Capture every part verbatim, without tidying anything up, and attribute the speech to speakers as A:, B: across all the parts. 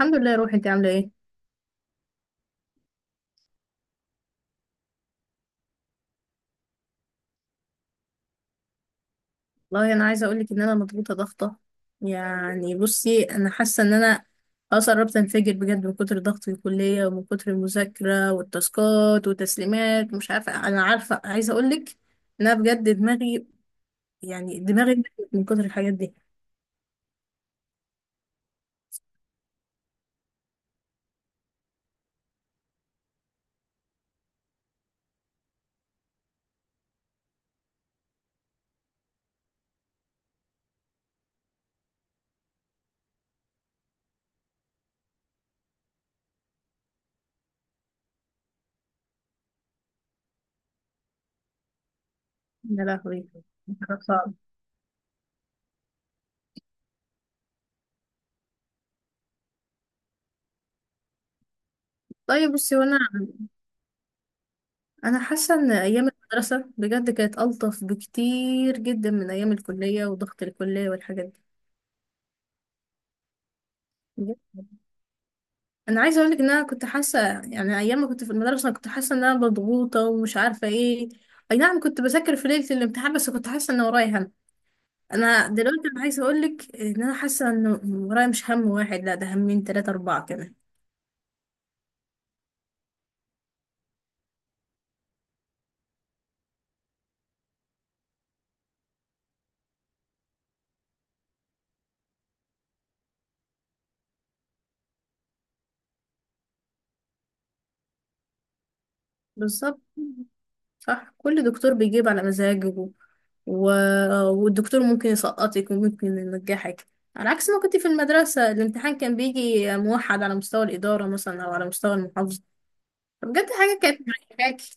A: الحمد لله يا روحي، انت عامله ايه؟ والله انا عايزه اقول لك ان انا مضغوطه ضغطه، يعني بصي انا حاسه ان انا خلاص قربت انفجر بجد من كتر ضغط الكليه ومن كتر المذاكره والتاسكات والتسليمات. مش عارفه، انا عارفه عايزه اقول لك ان انا بجد دماغي، يعني دماغي اتنفخت من كتر الحاجات دي. يا لهوي، حاجة صعبة. طيب بصي، وانا انا حاسه ان ايام المدرسه بجد كانت الطف بكتير جدا من ايام الكليه وضغط الكليه والحاجات دي. انا عايزه اقول لك ان انا كنت حاسه، يعني ايام ما كنت في المدرسه انا كنت حاسه ان انا مضغوطه ومش عارفه ايه. اي نعم، كنت بذاكر في ليله الامتحان بس كنت حاسه ان ورايا هم. انا دلوقتي انا عايزه اقول لك ان انا حاسه ان ورايا مش هم واحد، لا ده همين ثلاثه اربعه كمان. بالظبط، صح، كل دكتور بيجيب على مزاجه، و... والدكتور ممكن يسقطك وممكن ينجحك، على عكس ما كنت في المدرسه الامتحان كان بيجي موحد على مستوى الاداره مثلا او على مستوى المحافظه. بجد حاجه كانت مريحاكي.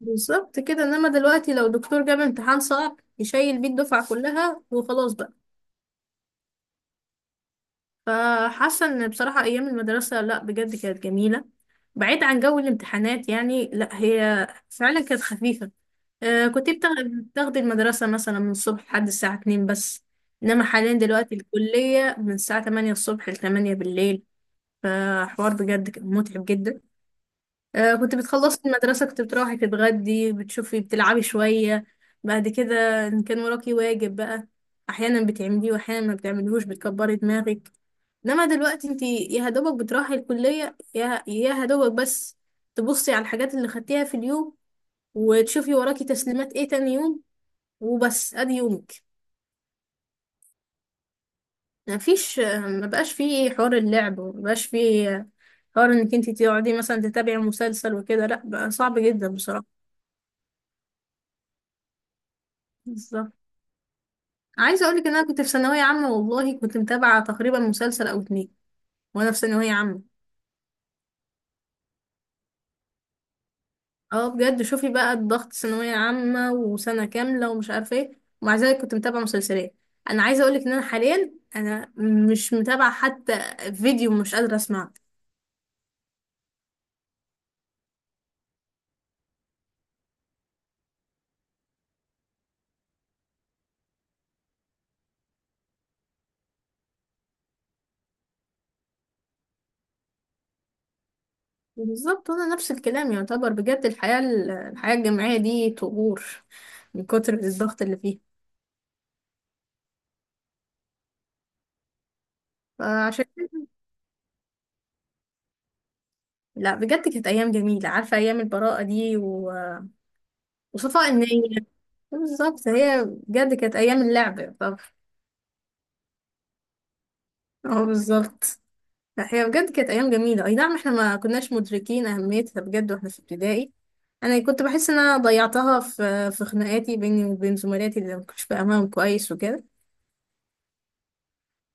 A: بالظبط كده، انما دلوقتي لو دكتور جاب امتحان صعب يشيل بيه الدفعة كلها وخلاص بقى. فحاسة ان بصراحة ايام المدرسة، لا بجد كانت جميلة، بعيد عن جو الامتحانات يعني، لا هي فعلا كانت خفيفة. آه، كنت بتاخ- بتاخدي المدرسة مثلا من الصبح لحد الساعة اتنين بس، انما حاليا دلوقتي الكلية من الساعة تمانية الصبح ل تمانية بالليل. فحوار بجد كان متعب جدا. آه، كنت بتخلصي المدرسة كنت بتروحي تتغدي، بتشوفي بتلعبي شوية. بعد كده إن كان وراكي واجب بقى، أحيانا بتعمليه وأحيانا ما بتعمليهوش بتكبري دماغك. إنما دلوقتي انتي يا هدوبك بتروحي الكلية، يا يا هدوبك بس، تبصي على الحاجات اللي خدتيها في اليوم وتشوفي وراكي تسليمات ايه تاني يوم، وبس أدي يومك. مفيش آه، مبقاش فيه حوار اللعب، ومبقاش فيه آه، حوار إنك انتي تقعدي مثلا تتابعي مسلسل وكده، لأ بقى صعب جدا بصراحة. بالظبط. عايزه اقول لك ان انا كنت في ثانويه عامه والله كنت متابعه تقريبا مسلسل او اتنين، وانا في ثانويه عامه. اه بجد، شوفي بقى الضغط، ثانويه عامه وسنه كامله ومش عارفه ايه، ومع ذلك كنت متابعه مسلسلات. انا عايزه اقول لك ان انا حاليا انا مش متابعه حتى فيديو، مش قادره اسمعه. بالظبط، وانا نفس الكلام. يعتبر بجد الحياه، الحياه الجامعيه دي طغور من كتر الضغط اللي فيها. فعشان كده- لا بجد كانت ايام جميله، عارفه ايام البراءه دي و... وصفاء النية. بالظبط، هي بجد كانت ايام اللعب. طب اه بالظبط، هي بجد كانت ايام جميله، اي نعم احنا ما كناش مدركين اهميتها بجد واحنا في ابتدائي. انا كنت بحس ان انا ضيعتها في في خناقاتي بيني وبين زملاتي اللي ما كنتش فاهماهم كويس وكده.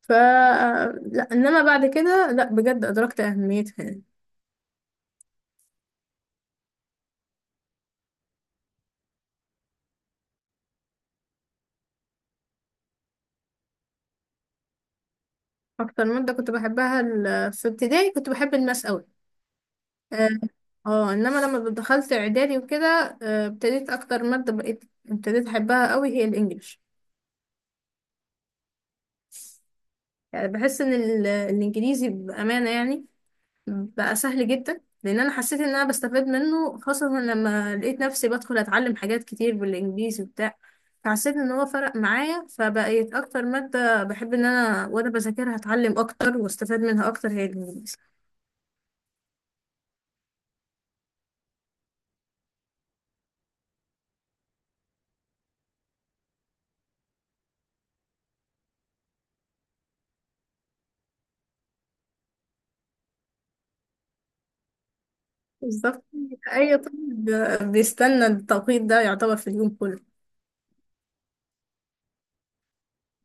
A: ف لا انما بعد كده، لا بجد ادركت اهميتها يعني. اكتر ماده كنت بحبها ال- في ابتدائي كنت بحب الماس قوي. اه، آه، انما لما دخلت اعدادي وكده آه، ابتديت اكتر ماده، بقيت ابتديت احبها قوي هي الانجليش. يعني بحس ان ال- الانجليزي بامانه، يعني بقى سهل جدا، لان انا حسيت ان انا بستفاد منه، خاصه لما لقيت نفسي بدخل اتعلم حاجات كتير بالانجليزي وبتاع. فحسيت ان هو فرق معايا، فبقيت اكتر ماده بحب ان انا وانا بذاكرها اتعلم اكتر واستفاد منها اكتر هي الانجليزي. بالظبط، اي طالب بيستنى التوقيت ده، يعتبر في اليوم كله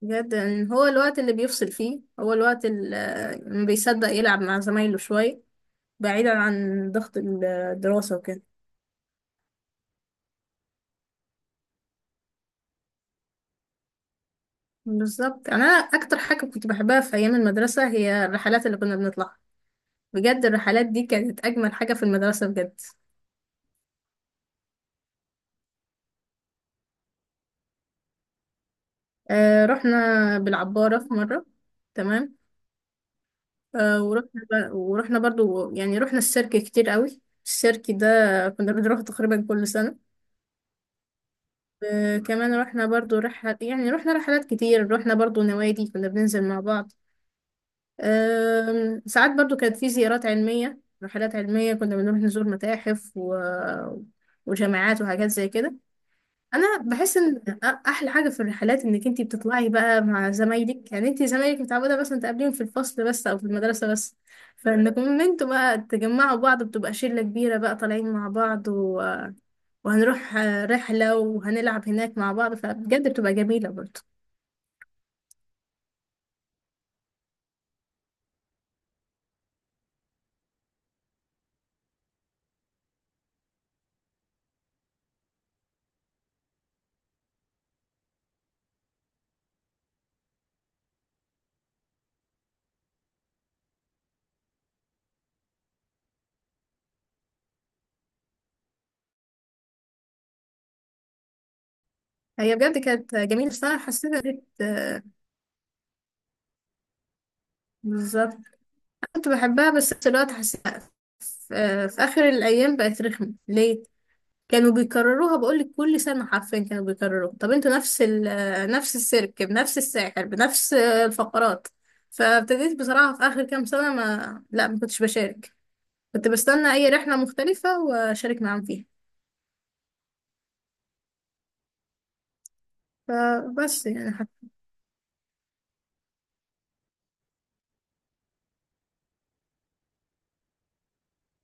A: بجد، يعني هو الوقت اللي بيفصل فيه، هو الوقت اللي ما بيصدق يلعب مع زمايله شويه بعيدا عن ضغط الدراسة وكده. بالظبط يعني، أنا أكتر حاجة كنت بحبها في أيام المدرسة هي الرحلات اللي كنا بنطلعها. بجد الرحلات دي كانت أجمل حاجة في المدرسة بجد. آه، رحنا بالعبارة في مرة، تمام. آه ورحنا ب... ورحنا برضو، يعني رحنا السيرك كتير قوي. السيرك ده كنا بنروح تقريبا كل سنة. آه كمان رحنا برضو رحلة، يعني رحنا رحلات كتير، رحنا برضو نوادي كنا بننزل مع بعض. أم، ساعات برضو كانت في زيارات علمية، رحلات علمية كنا بنروح نزور متاحف و... وجامعات وحاجات زي كده. انا بحس ان أ- احلى حاجة في الرحلات انك انتي بتطلعي بقى مع زمايلك، يعني انتي زمايلك متعودة مثلا تقابليهم في الفصل بس او في المدرسة بس، فانكم ان انتوا بقى تجمعوا بعض، بتبقى شلة كبيرة بقى طالعين مع بعض و... وهنروح آه، رحلة وهنلعب هناك مع بعض، فبجد بتبقى جميلة برضو. هي بجد كانت جميلة الصراحة، حسيتها بالظبط، كنت بحبها. بس دلوقتي حاسة في في آخر الأيام بقت رخمة. ليه؟ كانوا بيكرروها، بقولك كل سنة حرفيا كانوا بيكرروها. طب انتوا نفس ال نفس السيرك بنفس الساحر بنفس الفقرات. فابتديت بصراحة في آخر كام سنة ما لا ما كنتش بشارك، كنت بستنى أي رحلة مختلفة وأشارك معاهم فيها. فبس يعني، حتى.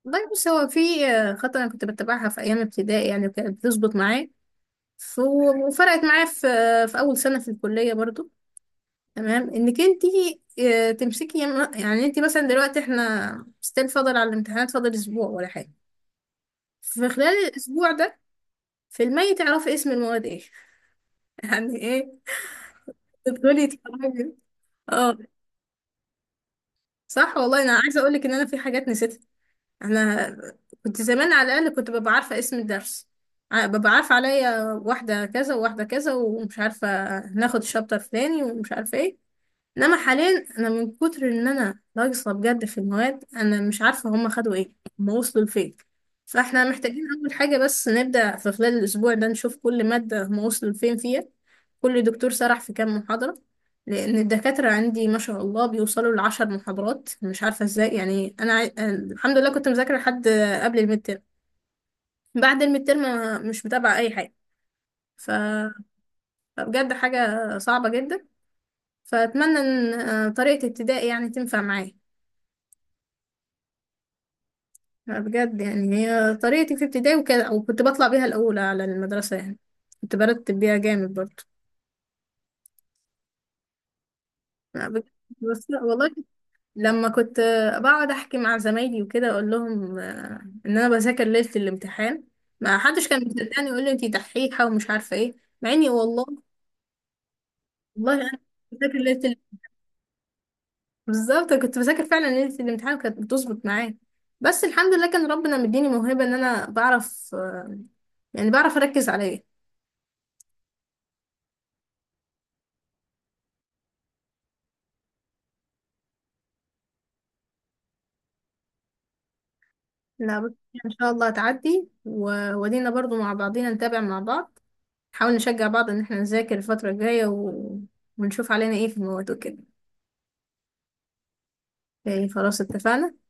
A: والله بص، هو في خطة أنا كنت بتبعها في أيام ابتدائي يعني وكانت بتظبط معايا، ف- وفرقت معايا في في أول سنة في الكلية برضو. تمام، انك انت آه، تمسكي، يم- يعني انت مثلا دلوقتي احنا ستيل فاضل على الامتحانات، فاضل اسبوع ولا حاجه، في خلال الاسبوع ده في المية تعرفي اسم المواد ايه؟ يعني ايه؟ تدخلي تتفرجي. اه صح، والله انا عايزه اقول لك ان انا في حاجات نسيتها. انا كنت زمان على الاقل كنت ببقى عارفه اسم الدرس، ع- ببقى عارفه عليا واحده كذا وواحده كذا ومش عارفه، ناخد الشابتر فلاني ومش عارفه ايه. انما حاليا انا من كتر ان انا ناقصه بجد في المواد، انا مش عارفه هم خدوا ايه، هم وصلوا لفين. فاحنا محتاجين اول حاجه بس نبدا في خلال الاسبوع ده نشوف كل ماده هم وصلوا لفين فيها، كل دكتور سرح في كام محاضره، لان الدكاتره عندي ما شاء الله بيوصلوا لعشر محاضرات مش عارفه ازاي. يعني انا عاي- الحمد لله كنت مذاكره لحد قبل الميد تيرم، بعد الميد تيرم مش متابعه اي حاجه. ف- فبجد حاجه صعبه جدا. فاتمنى ان آه، طريقه ابتدائي يعني تنفع معايا. لا بجد يعني، هي طريقتي في ابتدائي وكده وكنت بطلع بيها الأولى على المدرسة يعني، كنت برتب بيها جامد برضه. لا بجد. بس لا والله، لما كنت بقعد أحكي مع زمايلي وكده أقول لهم آه، إن أنا بذاكر ليلة الامتحان، ما حدش كان مصدقني، يقول لي أنتي دحيحة ومش عارفة إيه. مع إني والله، والله أنا بذاكر ليلة ال- بالظبط، أنا كنت بذاكر فعلا ليلة الامتحان وكانت بتظبط معايا. بس الحمد لله كان ربنا مديني موهبة إن أنا بعرف، آه، يعني بعرف أركز عليا. لا بس ان شاء الله هتعدي، و- وادينا برضو مع بعضينا نتابع مع بعض، نحاول نشجع بعض ان احنا نذاكر الفترة الجاية و... ونشوف علينا ايه في المواد وكده. إيه، خلاص اتفقنا.